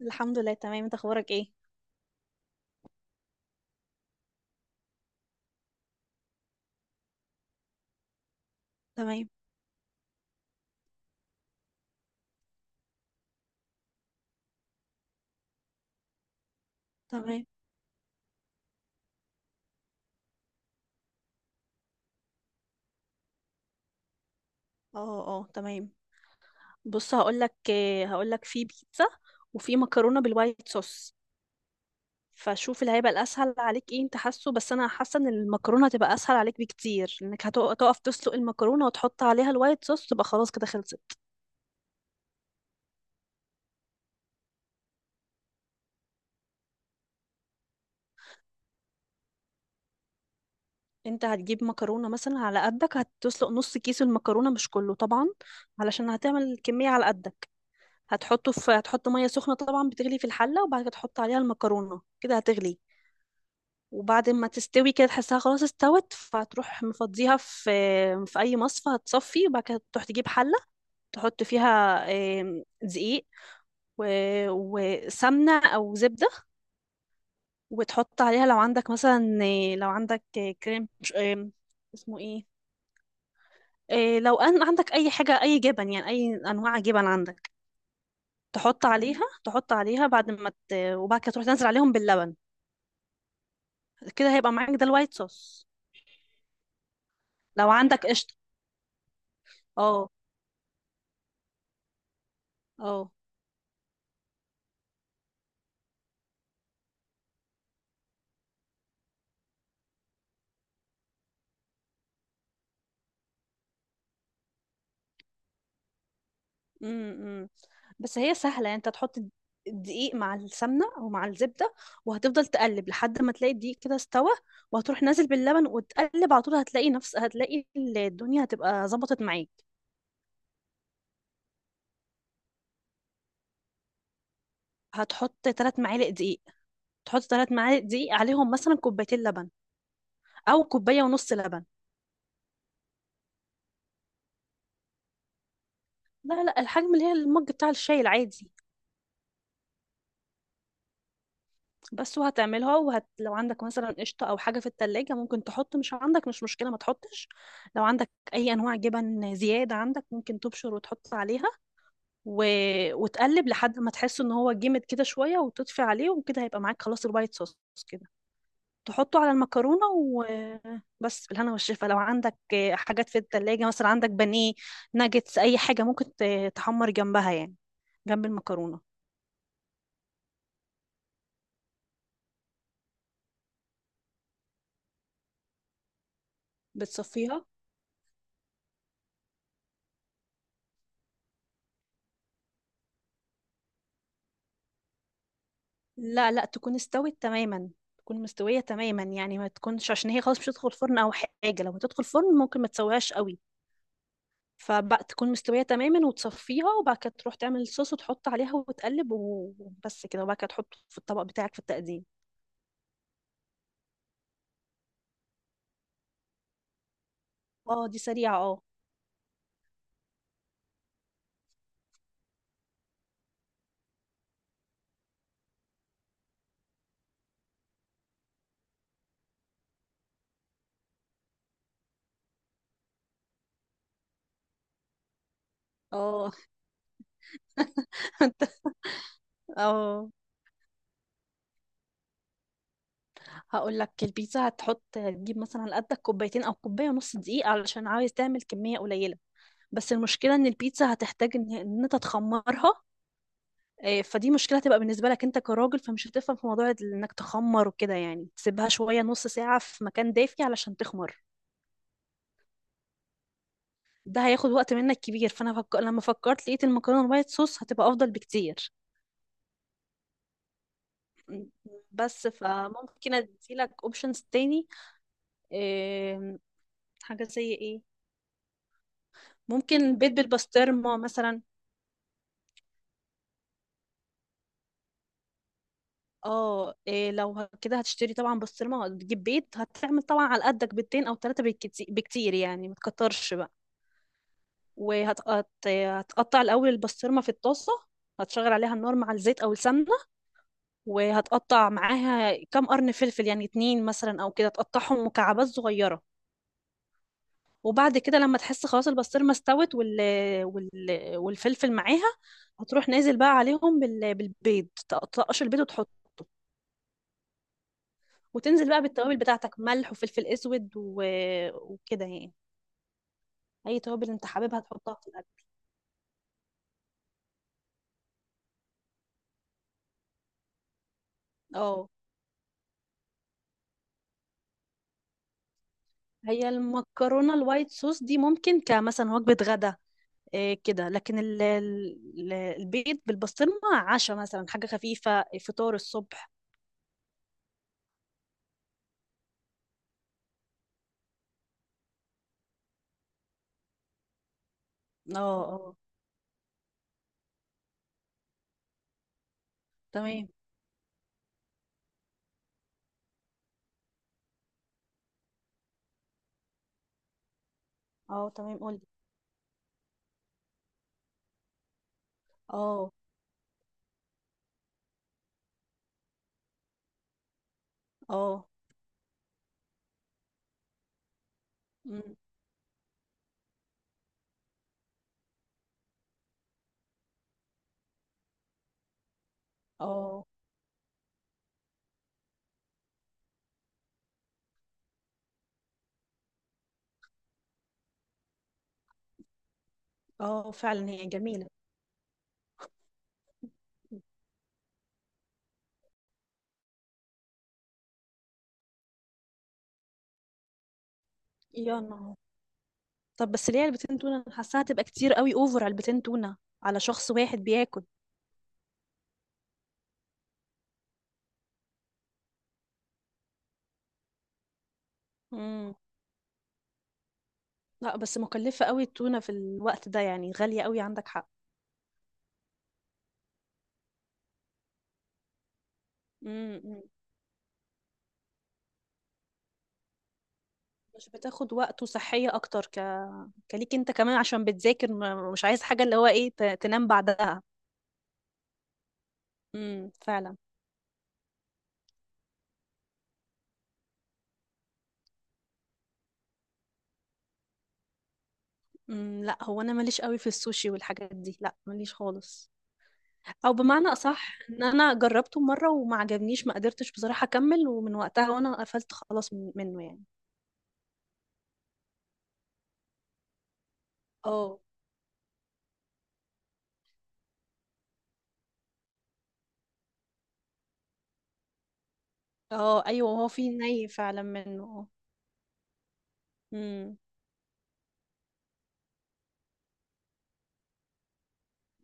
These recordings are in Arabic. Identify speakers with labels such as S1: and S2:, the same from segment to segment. S1: الحمد لله، تمام. انت اخبارك ايه؟ تمام. تمام. اه، اه، تمام. بص، هقول لك في بيتزا، وفي مكرونه بالوايت صوص. فشوف اللي هيبقى الاسهل عليك ايه، انت حاسه، بس انا حاسه ان المكرونه هتبقى اسهل عليك بكتير، انك هتقف تسلق المكرونه وتحط عليها الوايت صوص، تبقى خلاص كده خلصت. انت هتجيب مكرونه مثلا على قدك، هتسلق نص كيس المكرونه مش كله طبعا، علشان هتعمل كميه على قدك. هتحط ميه سخنه طبعا بتغلي في الحله، وبعد كده تحط عليها المكرونه، كده هتغلي. وبعد ما تستوي كده تحسها خلاص استوت، فهتروح مفضيها في اي مصفى، هتصفي، وبعد كده تروح تجيب حله تحط فيها دقيق، وسمنه او زبده. وتحط عليها لو عندك مثلا، آه، لو عندك آه، كريم مش- آم، اسمه ايه؟ لو ان عندك اي حاجه، اي جبن يعني، اي انواع جبن عندك، تحط عليها بعد ما ت... وبعد كده تروح تنزل عليهم باللبن. كده هيبقى معاك ده الوايت صوص، لو عندك قشطه. اه. اه. امم. امم. بس هي سهلة يعني، انت تحط الدقيق مع السمنة او مع الزبدة، وهتفضل تقلب لحد ما تلاقي الدقيق كده استوى، وهتروح نازل باللبن وتقلب على طول، هتلاقي نفس هتلاقي الدنيا هتبقى ظبطت معاك. هتحط ثلاث معالق دقيق تحط 3 معالق دقيق عليهم مثلا كوبايتين لبن، او كوباية ونص لبن. لا، لا، الحجم اللي هي المج بتاع الشاي العادي، بس. لو عندك مثلا قشطة أو حاجة في التلاجة ممكن تحط، مش عندك مش مشكلة، ما تحطش. لو عندك أي أنواع جبن زيادة عندك ممكن تبشر وتحط عليها، و... وتقلب لحد ما تحس إن هو جمد كده شوية، وتطفي عليه، وكده هيبقى معاك خلاص الوايت صوص كده. تحطه على المكرونة وبس، بالهنا والشفا. لو عندك حاجات في التلاجة مثلا، عندك بانيه، ناجتس، أي حاجة ممكن تحمر جنبها يعني، جنب المكرونة. بتصفيها. لا، لا، تكون استوت تماما. تكون مستوية تماما يعني، ما تكونش، عشان هي خلاص مش هتدخل فرن او حاجة. لو هتدخل فرن ممكن ما تسويهاش قوي، فبقى تكون مستوية تماما وتصفيها، وبعد كده تروح تعمل الصوص وتحط عليها وتقلب وبس كده، وبعد كده تحطه في الطبق بتاعك في التقديم. اه، دي سريعة، اه. اه انت. اه، هقول لك. البيتزا هتحط تجيب مثلا قدك كوبايتين او كوبايه ونص دقيق، علشان عايز تعمل كميه قليله. بس المشكله ان البيتزا هتحتاج إن انت تخمرها. إيه، فدي مشكله هتبقى بالنسبه لك انت كراجل، فمش هتفهم في موضوع انك تخمر وكده، يعني تسيبها شويه، نص ساعه في مكان دافي علشان تخمر. ده هياخد وقت منك كبير، فانا لما فكرت لقيت المكرونه الوايت صوص هتبقى افضل بكتير. بس، فممكن اديلك اوبشنز تاني. إيه، حاجه زي ايه؟ ممكن بيض بالبسطرمه مثلا. اه، إيه، لو كده هتشتري طبعا بسطرمه، تجيب بيض، هتعمل طبعا على قدك بيضتين او ثلاثه بالكتير بكتير، يعني ما تكترش بقى. وهتقطع الأول البسطرمة في الطاسة، هتشغل عليها النار مع الزيت أو السمنة، وهتقطع معاها كام قرن فلفل يعني اتنين مثلا أو كده، تقطعهم مكعبات صغيرة. وبعد كده لما تحس خلاص البسطرمة استوت وال... والفلفل معاها، هتروح نازل بقى عليهم بالبيض، تقطقش البيض وتحطه. وتنزل بقى بالتوابل بتاعتك، ملح وفلفل اسود وكده يعني، اي توابل انت حاببها تحطها في الاكل. اه، هي المكرونه الوايت صوص دي ممكن كمثلا وجبه غدا، إيه كده. لكن البيض بالبسطرمة عشاء مثلا، حاجة خفيفة، فطار الصبح. اه، اه، تمام. اه، تمام، قولي. اه، اه، مم. اه، اه، فعلا، هي جميلة. يا نهار! طب بس ليه علبتين تونة؟ أنا حاساها هتبقى كتير قوي، اوفر علبتين تونة على شخص واحد بياكل. امم. لا، بس مكلفة قوي التونة في الوقت ده يعني، غالية قوي، عندك حق. امم. مش بتاخد وقت وصحية أكتر، كليك أنت كمان عشان بتذاكر، مش عايز حاجة اللي هو تنام بعدها. امم، فعلا. امم. لا، هو أنا ماليش قوي في السوشي والحاجات دي، لا ماليش خالص. أو بمعنى أصح إن أنا جربته مرة وما عجبنيش، ما قدرتش بصراحة أكمل، ومن وقتها وأنا قفلت خلاص منه يعني. اه، اه، أيوه، هو في ني فعلا منه. امم،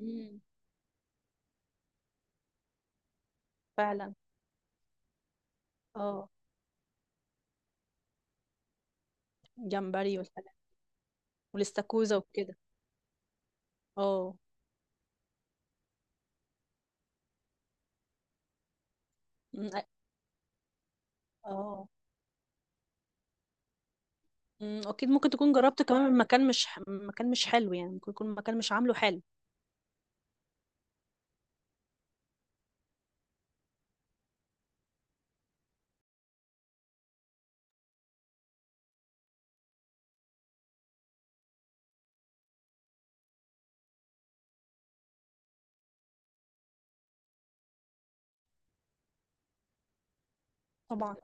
S1: امم، فعلا. اه، جمبري والحاجات، والاستاكوزا وكده. اه، أمم، أ- اه، اكيد ممكن تكون جربت كمان من مكان، مش مكان مش حلو يعني، ممكن يكون مكان مش عامله حلو. طبعا.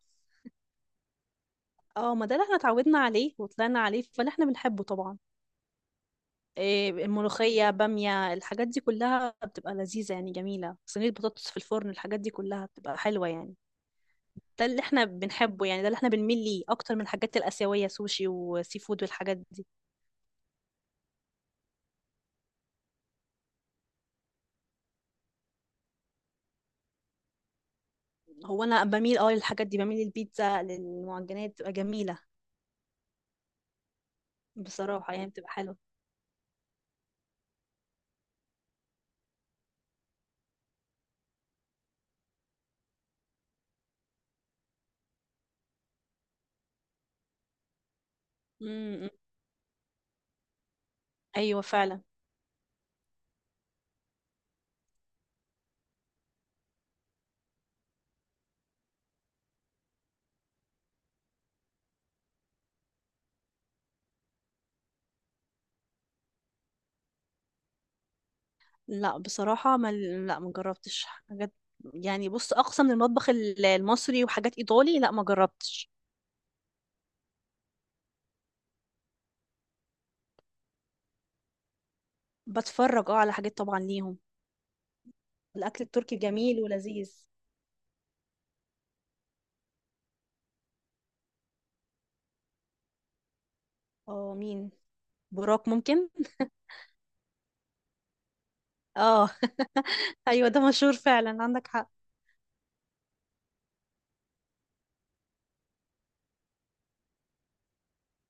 S1: اه، ما ده اللي احنا اتعودنا عليه وطلعنا عليه، فاللي احنا بنحبه طبعا. إيه، الملوخية، بامية، الحاجات دي كلها بتبقى لذيذة يعني جميلة، صينية بطاطس في الفرن، الحاجات دي كلها بتبقى حلوة يعني. ده اللي احنا بنحبه، يعني ده اللي احنا بنميل ليه اكتر من الحاجات الآسيوية، سوشي وسي فود والحاجات دي. هو انا بميل للحاجات دي، بميل للبيتزا، للمعجنات، بتبقى جميلة، بصراحة يعني بتبقى حلوة. امم. ايوه، فعلا. لا بصراحة، ما لا، ما جربتش حاجات يعني. بص، أقصى من المطبخ المصري، وحاجات إيطالي. لا، ما جربتش. بتفرج على حاجات طبعا ليهم. الأكل التركي جميل ولذيذ. اه، مين؟ براك ممكن. اه أيوة، ده مشهور فعلا، عندك حق.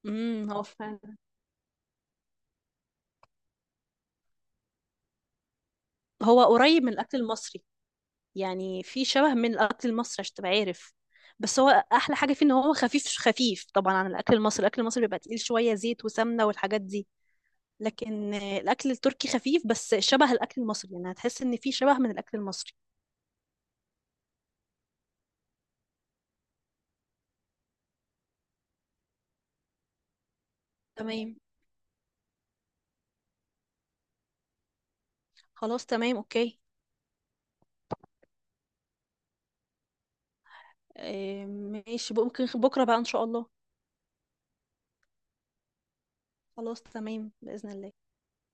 S1: امم، هو فعلا. هو قريب من الأكل المصري، يعني في شبه من الأكل المصري عشان تبقى عارف. بس هو أحلى حاجة فيه، إن هو خفيف، خفيف طبعا عن الأكل المصري، الأكل المصري بيبقى تقيل شوية، زيت وسمنة والحاجات دي. لكن الاكل التركي خفيف، بس شبه الاكل المصري، يعني هتحس ان في شبه من الاكل المصري. تمام. خلاص، تمام، اوكي. آه، ماشي، ممكن بكره بقى ان شاء الله. خلاص، تمام، باذن الله.